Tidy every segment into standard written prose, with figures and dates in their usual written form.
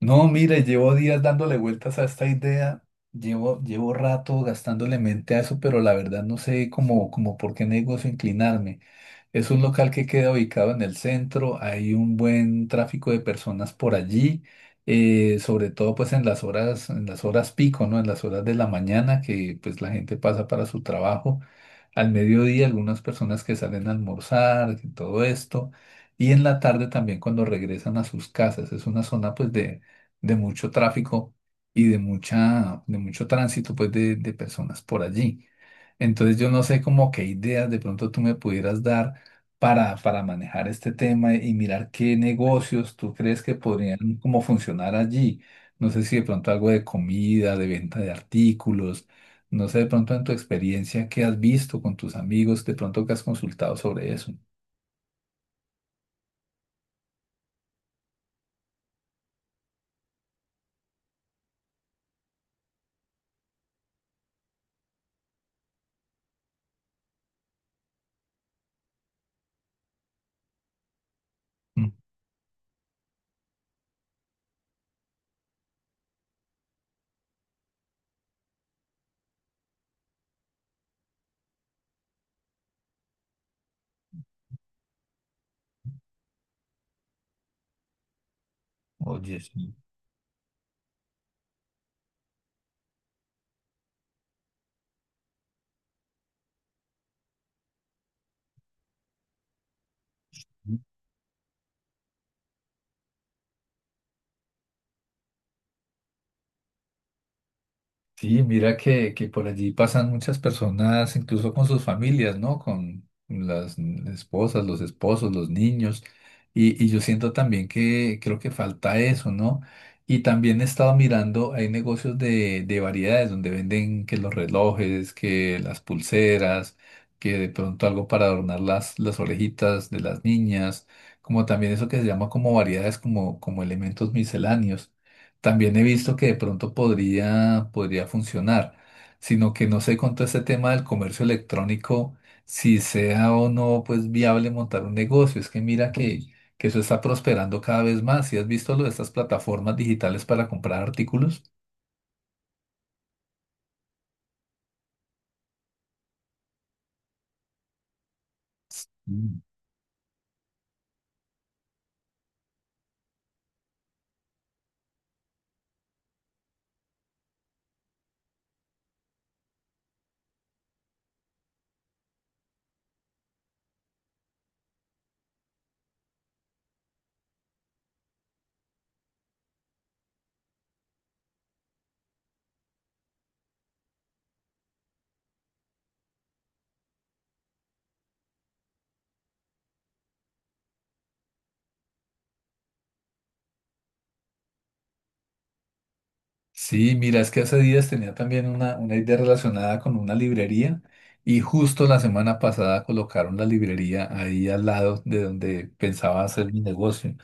No, mire, llevo días dándole vueltas a esta idea, llevo rato gastándole mente a eso, pero la verdad no sé cómo, por qué negocio inclinarme. Es un local que queda ubicado en el centro, hay un buen tráfico de personas por allí, sobre todo pues en las en las horas pico, ¿no? En las horas de la mañana que pues la gente pasa para su trabajo, al mediodía, algunas personas que salen a almorzar, y todo esto, y en la tarde también cuando regresan a sus casas. Es una zona pues de mucho tráfico y de de mucho tránsito pues de personas por allí. Entonces yo no sé como qué ideas de pronto tú me pudieras dar para manejar este tema y mirar qué negocios tú crees que podrían como funcionar allí. No sé si de pronto algo de comida, de venta de artículos, no sé de pronto en tu experiencia qué has visto con tus amigos, de pronto que has consultado sobre eso. Mm. Oye, sí. Sí, mira que por allí pasan muchas personas, incluso con sus familias, ¿no? Con las esposas, los esposos, los niños. Y yo siento también que creo que falta eso, ¿no? Y también he estado mirando, hay negocios de variedades donde venden que los relojes, que las pulseras, que de pronto algo para adornar las orejitas de las niñas, como también eso que se llama como variedades, como elementos misceláneos. También he visto que de pronto podría funcionar, sino que no sé con todo este tema del comercio electrónico, si sea o no pues viable montar un negocio. Es que mira que eso está prosperando cada vez más. ¿Sí has visto lo de estas plataformas digitales para comprar artículos? Mm. Sí, mira, es que hace días tenía también una idea relacionada con una librería y justo la semana pasada colocaron la librería ahí al lado de donde pensaba hacer mi negocio.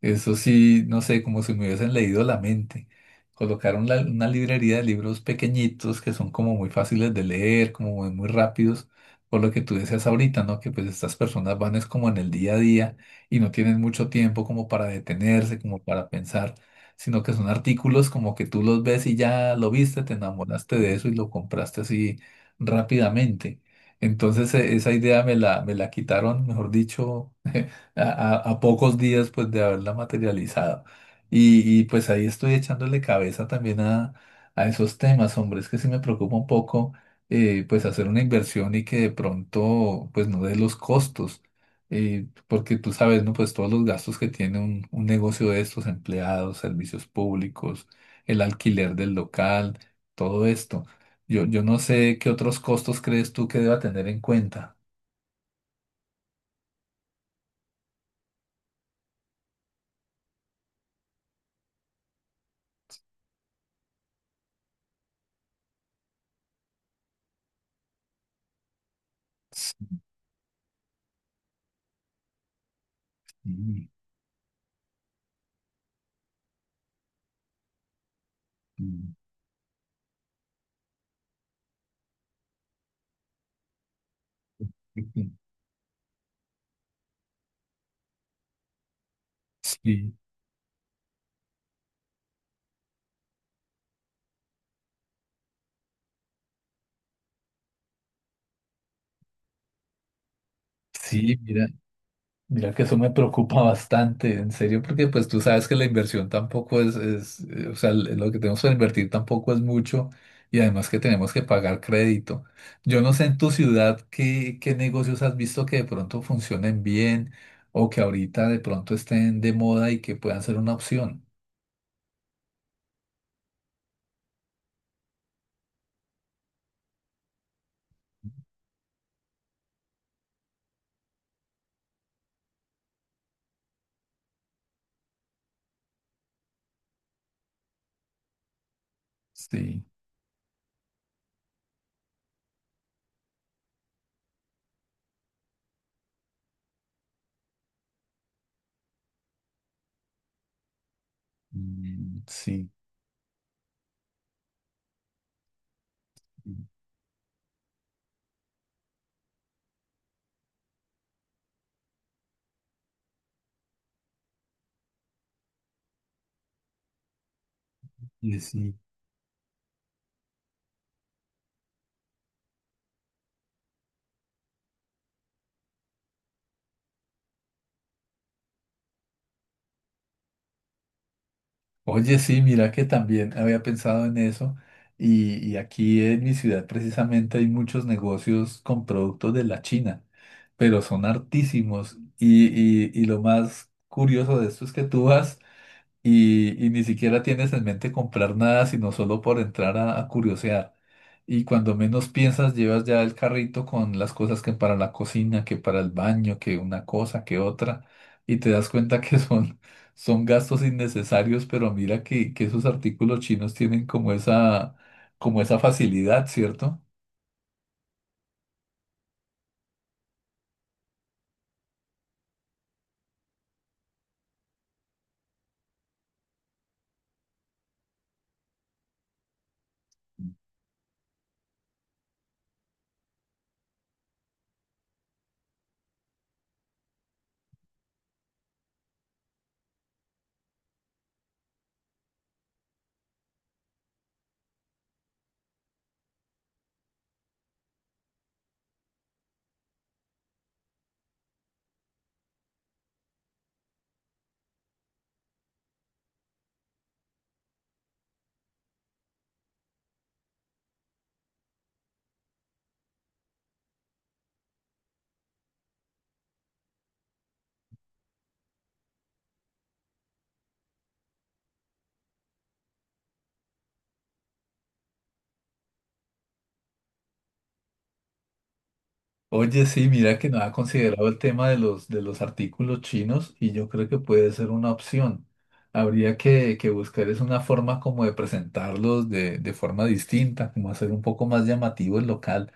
Eso sí, no sé, como si me hubiesen leído la mente. Colocaron una librería de libros pequeñitos que son como muy fáciles de leer, como muy rápidos, por lo que tú decías ahorita, ¿no? Que pues estas personas van es como en el día a día y no tienen mucho tiempo como para detenerse, como para pensar, sino que son artículos como que tú los ves y ya lo viste, te enamoraste de eso y lo compraste así rápidamente. Entonces, esa idea me me la quitaron, mejor dicho, a, a pocos días pues de haberla materializado. Pues ahí estoy echándole cabeza también a esos temas, hombre, es que sí me preocupa un poco, pues hacer una inversión y que de pronto pues no dé los costos, porque tú sabes, ¿no? Pues todos los gastos que tiene un negocio de estos, empleados, servicios públicos, el alquiler del local, todo esto. Yo no sé qué otros costos crees tú que deba tener en cuenta. Sí, sí, sí. Sí, mira que eso me preocupa bastante, en serio, porque pues tú sabes que la inversión tampoco o sea, lo que tenemos para invertir tampoco es mucho y además que tenemos que pagar crédito. Yo no sé en tu ciudad qué negocios has visto que de pronto funcionen bien o que ahorita de pronto estén de moda y que puedan ser una opción. Sí, mm, sí, sí, sí. Oye, sí, mira que también había pensado en eso y aquí en mi ciudad precisamente hay muchos negocios con productos de la China, pero son hartísimos y lo más curioso de esto es que tú vas y ni siquiera tienes en mente comprar nada, sino solo por entrar a curiosear. Y cuando menos piensas, llevas ya el carrito con las cosas que para la cocina, que para el baño, que una cosa, que otra, y te das cuenta que son, son gastos innecesarios, pero mira que esos artículos chinos tienen como como esa facilidad, ¿cierto? Oye, sí, mira que no había considerado el tema de de los artículos chinos y yo creo que puede ser una opción. Habría que buscar es una forma como de presentarlos de forma distinta, como hacer un poco más llamativo el local,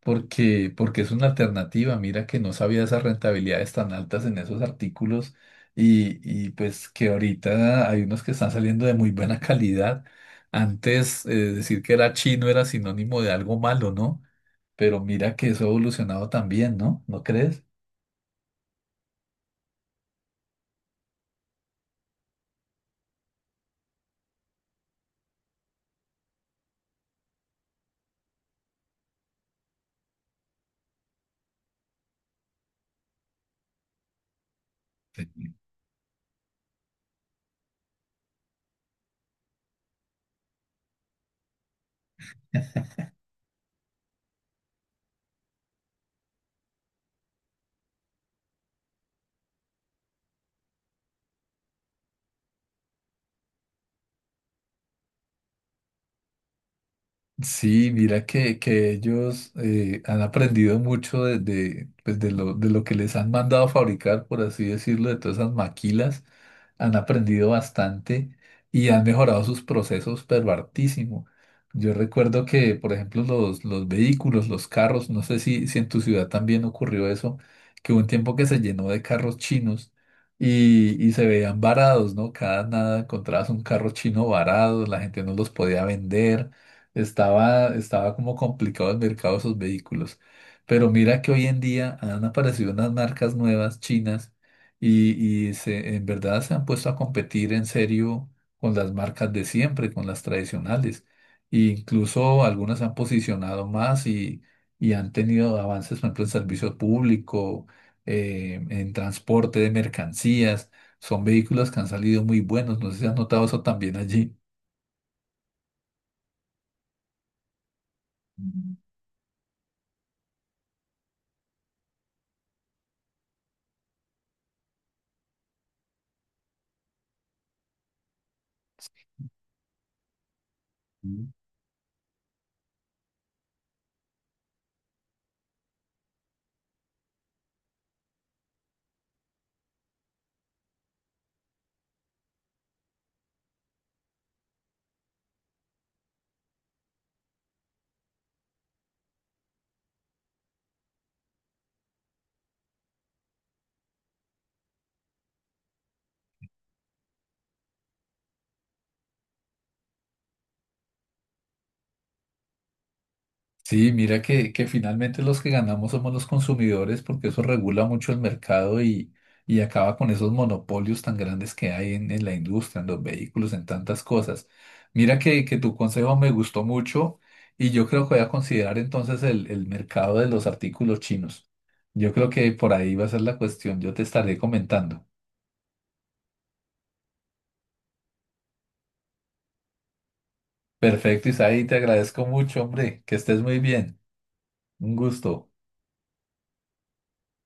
porque es una alternativa. Mira que no sabía esas rentabilidades tan altas en esos artículos y, y pues que ahorita hay unos que están saliendo de muy buena calidad. Antes, decir que era chino era sinónimo de algo malo, ¿no? Pero mira que eso ha evolucionado también, ¿no? ¿No crees? Sí. Sí, mira que ellos han aprendido mucho pues de de lo que les han mandado a fabricar, por así decirlo, de todas esas maquilas. Han aprendido bastante y han mejorado sus procesos, pero hartísimo. Yo recuerdo que, por ejemplo, los vehículos, los carros, no sé si en tu ciudad también ocurrió eso, que hubo un tiempo que se llenó de carros chinos y se veían varados, ¿no? Cada nada encontrabas un carro chino varado, la gente no los podía vender. Estaba como complicado el mercado de esos vehículos. Pero mira que hoy en día han aparecido unas marcas nuevas chinas y en verdad se han puesto a competir en serio con las marcas de siempre, con las tradicionales. E incluso algunas se han posicionado más y han tenido avances, por ejemplo, en servicio público, en transporte de mercancías. Son vehículos que han salido muy buenos. No sé si has notado eso también allí. Mm. Sí, mira que finalmente los que ganamos somos los consumidores porque eso regula mucho el mercado y acaba con esos monopolios tan grandes que hay en la industria, en los vehículos, en tantas cosas. Mira que tu consejo me gustó mucho y yo creo que voy a considerar entonces el mercado de los artículos chinos. Yo creo que por ahí va a ser la cuestión, yo te estaré comentando. Perfecto, Isaí, te agradezco mucho, hombre, que estés muy bien. Un gusto.